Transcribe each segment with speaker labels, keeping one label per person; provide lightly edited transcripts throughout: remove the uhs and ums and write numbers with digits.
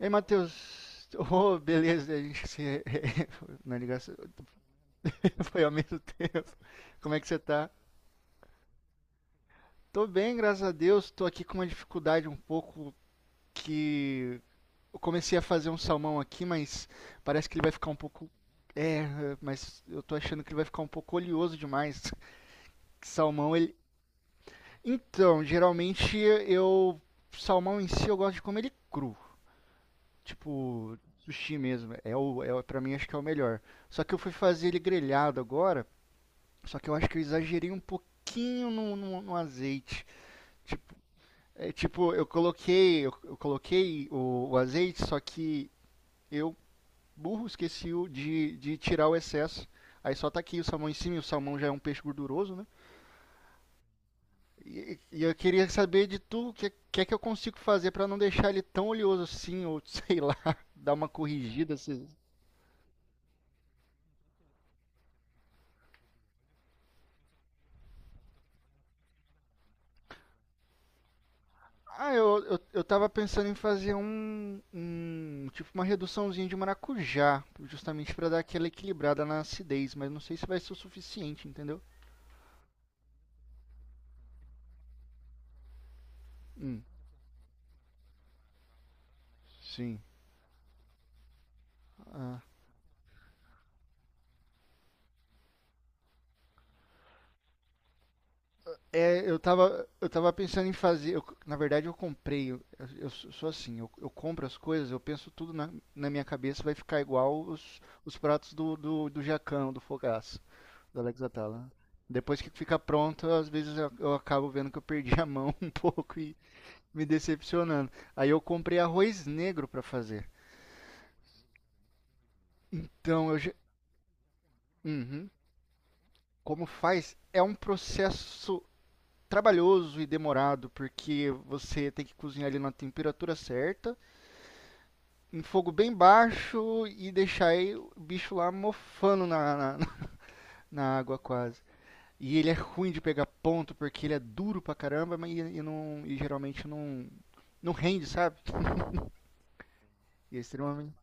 Speaker 1: Ei, Matheus. Oh, beleza, a gente se, na ligação, foi ao mesmo tempo. Como é que você tá? Tô bem, graças a Deus. Tô aqui com uma dificuldade um pouco que eu comecei a fazer um salmão aqui, mas parece que ele vai ficar um pouco é, mas eu tô achando que ele vai ficar um pouco oleoso demais. Salmão, ele. Então, geralmente eu salmão em si eu gosto de comer ele cru. Tipo, sushi mesmo. Pra mim acho que é o melhor. Só que eu fui fazer ele grelhado agora. Só que eu acho que eu exagerei um pouquinho no azeite. Tipo, eu coloquei o azeite, só que eu, burro, esqueci o de tirar o excesso. Aí só tá aqui o salmão em cima, e o salmão já é um peixe gorduroso, né? E eu queria saber de tu o que, que é que eu consigo fazer pra não deixar ele tão oleoso assim, ou sei lá, dar uma corrigida. Ah, eu tava pensando em fazer um, tipo uma reduçãozinha de maracujá, justamente pra dar aquela equilibrada na acidez, mas não sei se vai ser o suficiente, entendeu? Hum, sim. Ah. É, eu tava pensando em fazer. Na verdade, eu comprei. Eu sou assim, eu compro as coisas, eu penso tudo na minha cabeça, vai ficar igual os pratos do Jacão, do Fogaço, do Alex Atala. Depois que fica pronto, às vezes eu acabo vendo que eu perdi a mão um pouco e, me decepcionando. Aí eu comprei arroz negro para fazer. Então eu já. Uhum. Como faz é um processo trabalhoso e demorado porque você tem que cozinhar ele na temperatura certa, em fogo bem baixo e deixar aí o bicho lá mofando na água quase. E ele é ruim de pegar ponto porque ele é duro pra caramba, mas e não e geralmente não rende, sabe? E é extremamente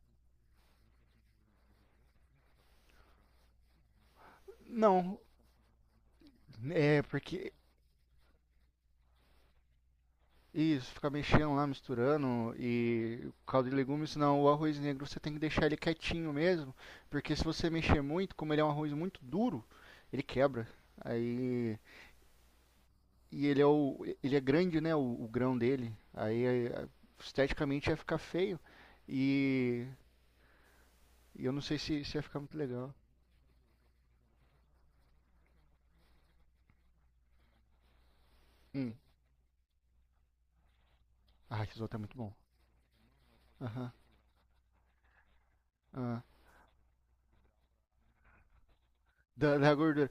Speaker 1: não, é porque isso, fica mexendo lá, misturando e o caldo de legumes, não, o arroz negro você tem que deixar ele quietinho mesmo, porque se você mexer muito, como ele é um arroz muito duro, ele quebra. Aí e ele é grande, né, o grão dele. Aí, esteticamente ia ficar feio e, e eu não sei se ia ficar muito legal. Hum. Ah, esse risoto é muito bom. Aham. Aham. Da gordura.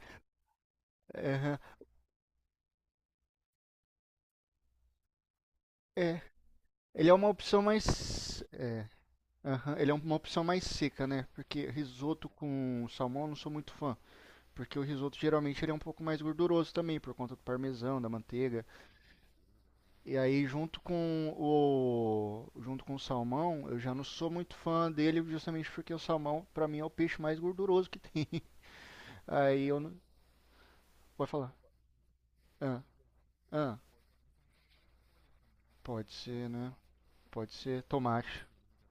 Speaker 1: Aham. É, ele é uma opção mais. Aham, ele é uma opção mais seca, né? Porque risoto com salmão eu não sou muito fã. Porque o risoto geralmente ele é um pouco mais gorduroso também, por conta do parmesão, da manteiga. E aí junto com o salmão, eu já não sou muito fã dele, justamente porque o salmão pra mim é o peixe mais gorduroso que tem. Aí eu não pode falar. Ah, ah, pode ser, né? Pode ser tomate,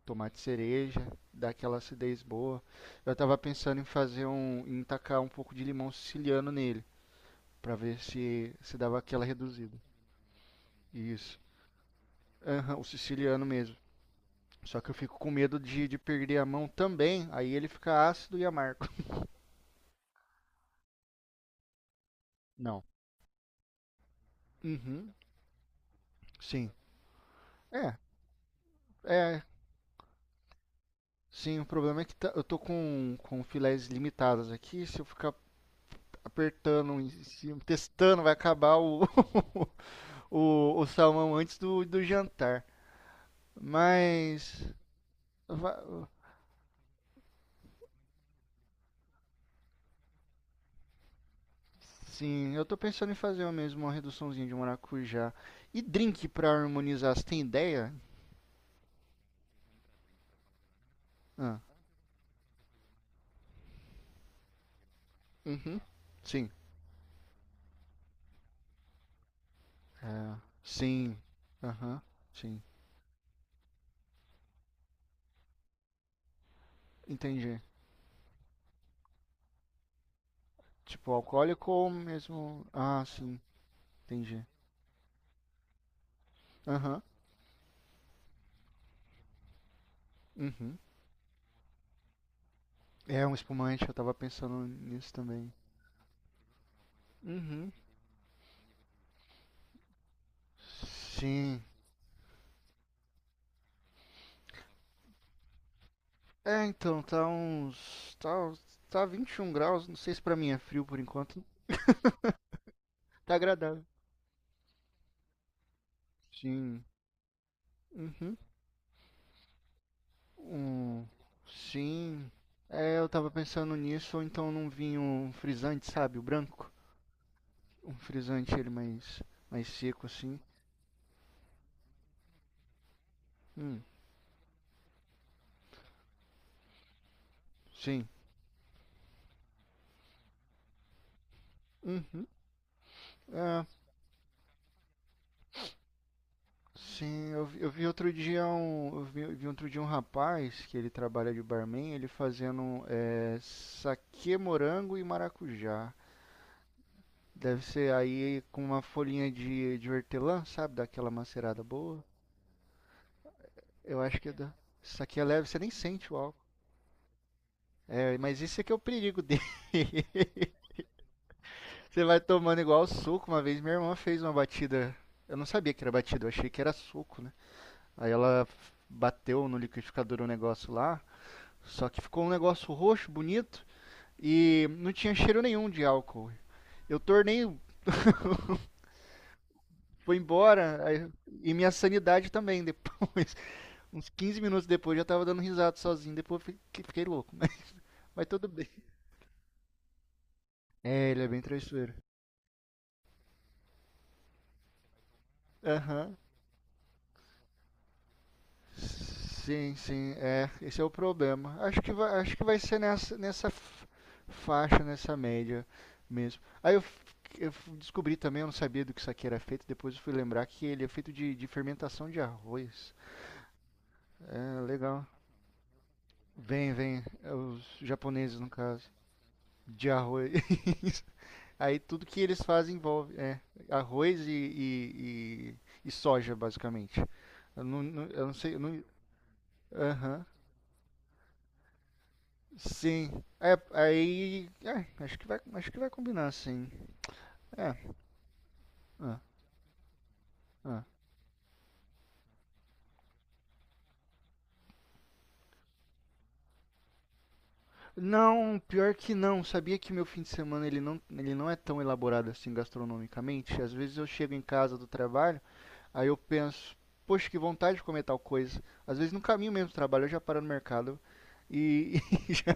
Speaker 1: tomate cereja, dá aquela acidez boa. Eu tava pensando em fazer em tacar um pouco de limão siciliano nele. Para ver se dava aquela reduzida. Isso. Aham, o siciliano mesmo. Só que eu fico com medo de perder a mão também, aí ele fica ácido e amargo. Não. Uhum, sim. É, é. Sim, o problema é que eu tô com filés limitadas aqui. Se eu ficar apertando em cima, testando, vai acabar o, o salmão antes do jantar. Mas va. Sim, eu tô pensando em fazer eu mesmo uma reduçãozinha de maracujá. E drink pra harmonizar, você tem ideia? Ah, uhum, sim. É, sim, aham, sim. Entendi. Tipo, alcoólico ou mesmo. Ah, sim, entendi. Aham, uhum. É um espumante, eu tava pensando nisso também. Uhum, sim. É, então, tá 21 graus, não sei se pra mim é frio por enquanto. Tá agradável. Sim, uhum. um sim. É, eu tava pensando nisso, ou então num vinho um frisante, sabe? O branco. Um frisante, ele mais seco, assim. Hum, sim. Hum, é, sim. Eu vi outro dia um, eu vi outro dia um rapaz que ele trabalha de barman, ele fazendo saquê morango e maracujá. Deve ser aí com uma folhinha de hortelã, sabe? Daquela macerada boa. Eu acho que é da. Saquê leve, você nem sente o álcool. Mas isso é que é o perigo dele. Você vai tomando igual suco. Uma vez minha irmã fez uma batida. Eu não sabia que era batida, eu achei que era suco, né? Aí ela bateu no liquidificador um negócio lá. Só que ficou um negócio roxo, bonito. E não tinha cheiro nenhum de álcool. Eu tornei, foi embora. E minha sanidade também depois. Uns 15 minutos depois eu já tava dando risada sozinho. Depois eu fiquei louco. Mas tudo bem. É, ele é bem traiçoeiro. Aham. Sim, sim, é, esse é o problema. Acho que vai ser faixa, nessa média mesmo. Aí eu descobri também, eu não sabia do que isso aqui era feito, depois eu fui lembrar que ele é feito de fermentação de arroz. É, legal. Vem, vem, é os japoneses no caso, de arroz. Aí tudo que eles fazem envolve, arroz e soja, basicamente. Eu não sei, eu não. Aham. Sim. É, aí. Acho que vai combinar, sim. É. é, é. Não, pior que não. Sabia que meu fim de semana ele não é tão elaborado assim gastronomicamente. Às vezes eu chego em casa do trabalho, aí eu penso, poxa, que vontade de comer tal coisa. Às vezes no caminho mesmo do trabalho eu já paro no mercado e, e já,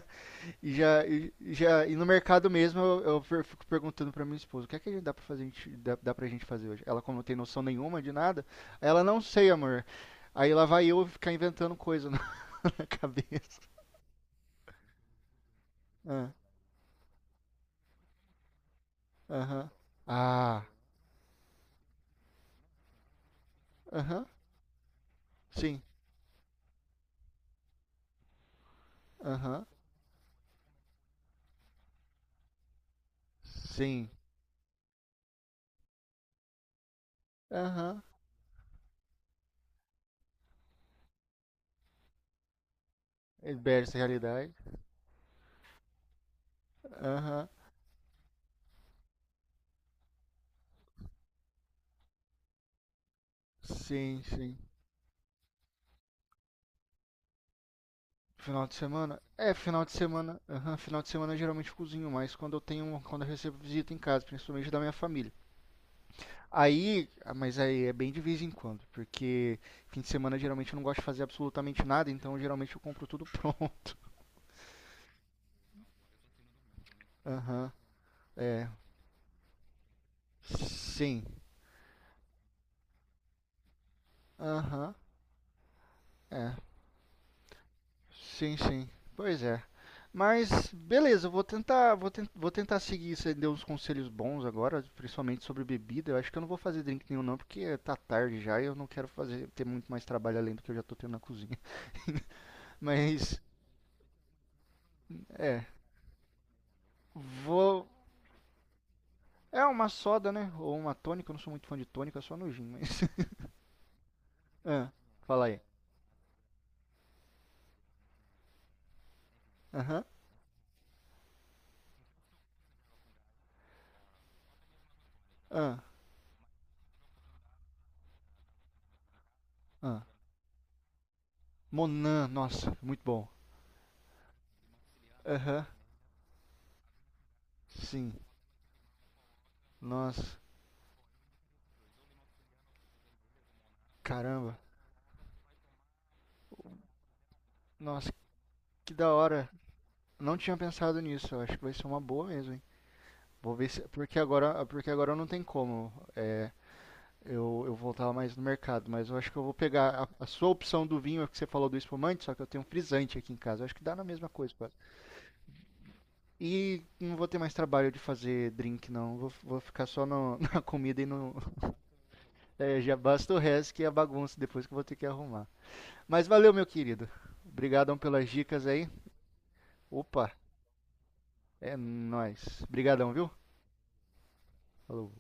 Speaker 1: E já, e, já, e no mercado mesmo fico perguntando pra minha esposa, o que é que dá pra fazer, a gente, dá pra gente fazer hoje? Ela, como não tem noção nenhuma de nada, ela não sei, amor. Aí lá vai eu ficar inventando coisa na cabeça. Ah. Aham. Ah, aham. Sim. Aham. Sim. Aham. Ele bebe essa realidade. Aham. Sim, sim. Final de semana? É, final de semana. Aham, final de semana eu geralmente cozinho, mas quando eu recebo visita em casa, principalmente da minha família. Aí, ah, mas aí é bem de vez em quando, porque fim de semana geralmente eu não gosto de fazer absolutamente nada, então geralmente eu compro tudo pronto. Aham, é. Sim. Aham, é. Sim, sim. Pois é. Mas beleza, eu vou tentar seguir, você deu uns conselhos bons agora, principalmente sobre bebida. Eu acho que eu não vou fazer drink nenhum não, porque tá tarde já e eu não quero fazer ter muito mais trabalho além do que eu já tô tendo na cozinha. Mas é, vou. É uma soda, né? Ou uma tônica, eu não sou muito fã de tônica, é só no gin, mas. Ah, fala aí. Aham. Ah, ah. Monan, nossa, muito bom. Aham. Sim. Nossa, caramba. Nossa, que da hora. Não tinha pensado nisso. Eu acho que vai ser uma boa mesmo, hein? Vou ver se. Porque agora não tem como. É, eu voltar mais no mercado, mas eu acho que eu vou pegar a sua opção do vinho que você falou do espumante, só que eu tenho um frisante aqui em casa. Eu acho que dá na mesma coisa. E não vou ter mais trabalho de fazer drink, não. Vou ficar só na comida e no. É, já basta o resto que é a bagunça depois que eu vou ter que arrumar. Mas valeu, meu querido. Obrigadão pelas dicas aí. Opa, é nóis. Obrigadão, viu? Falou.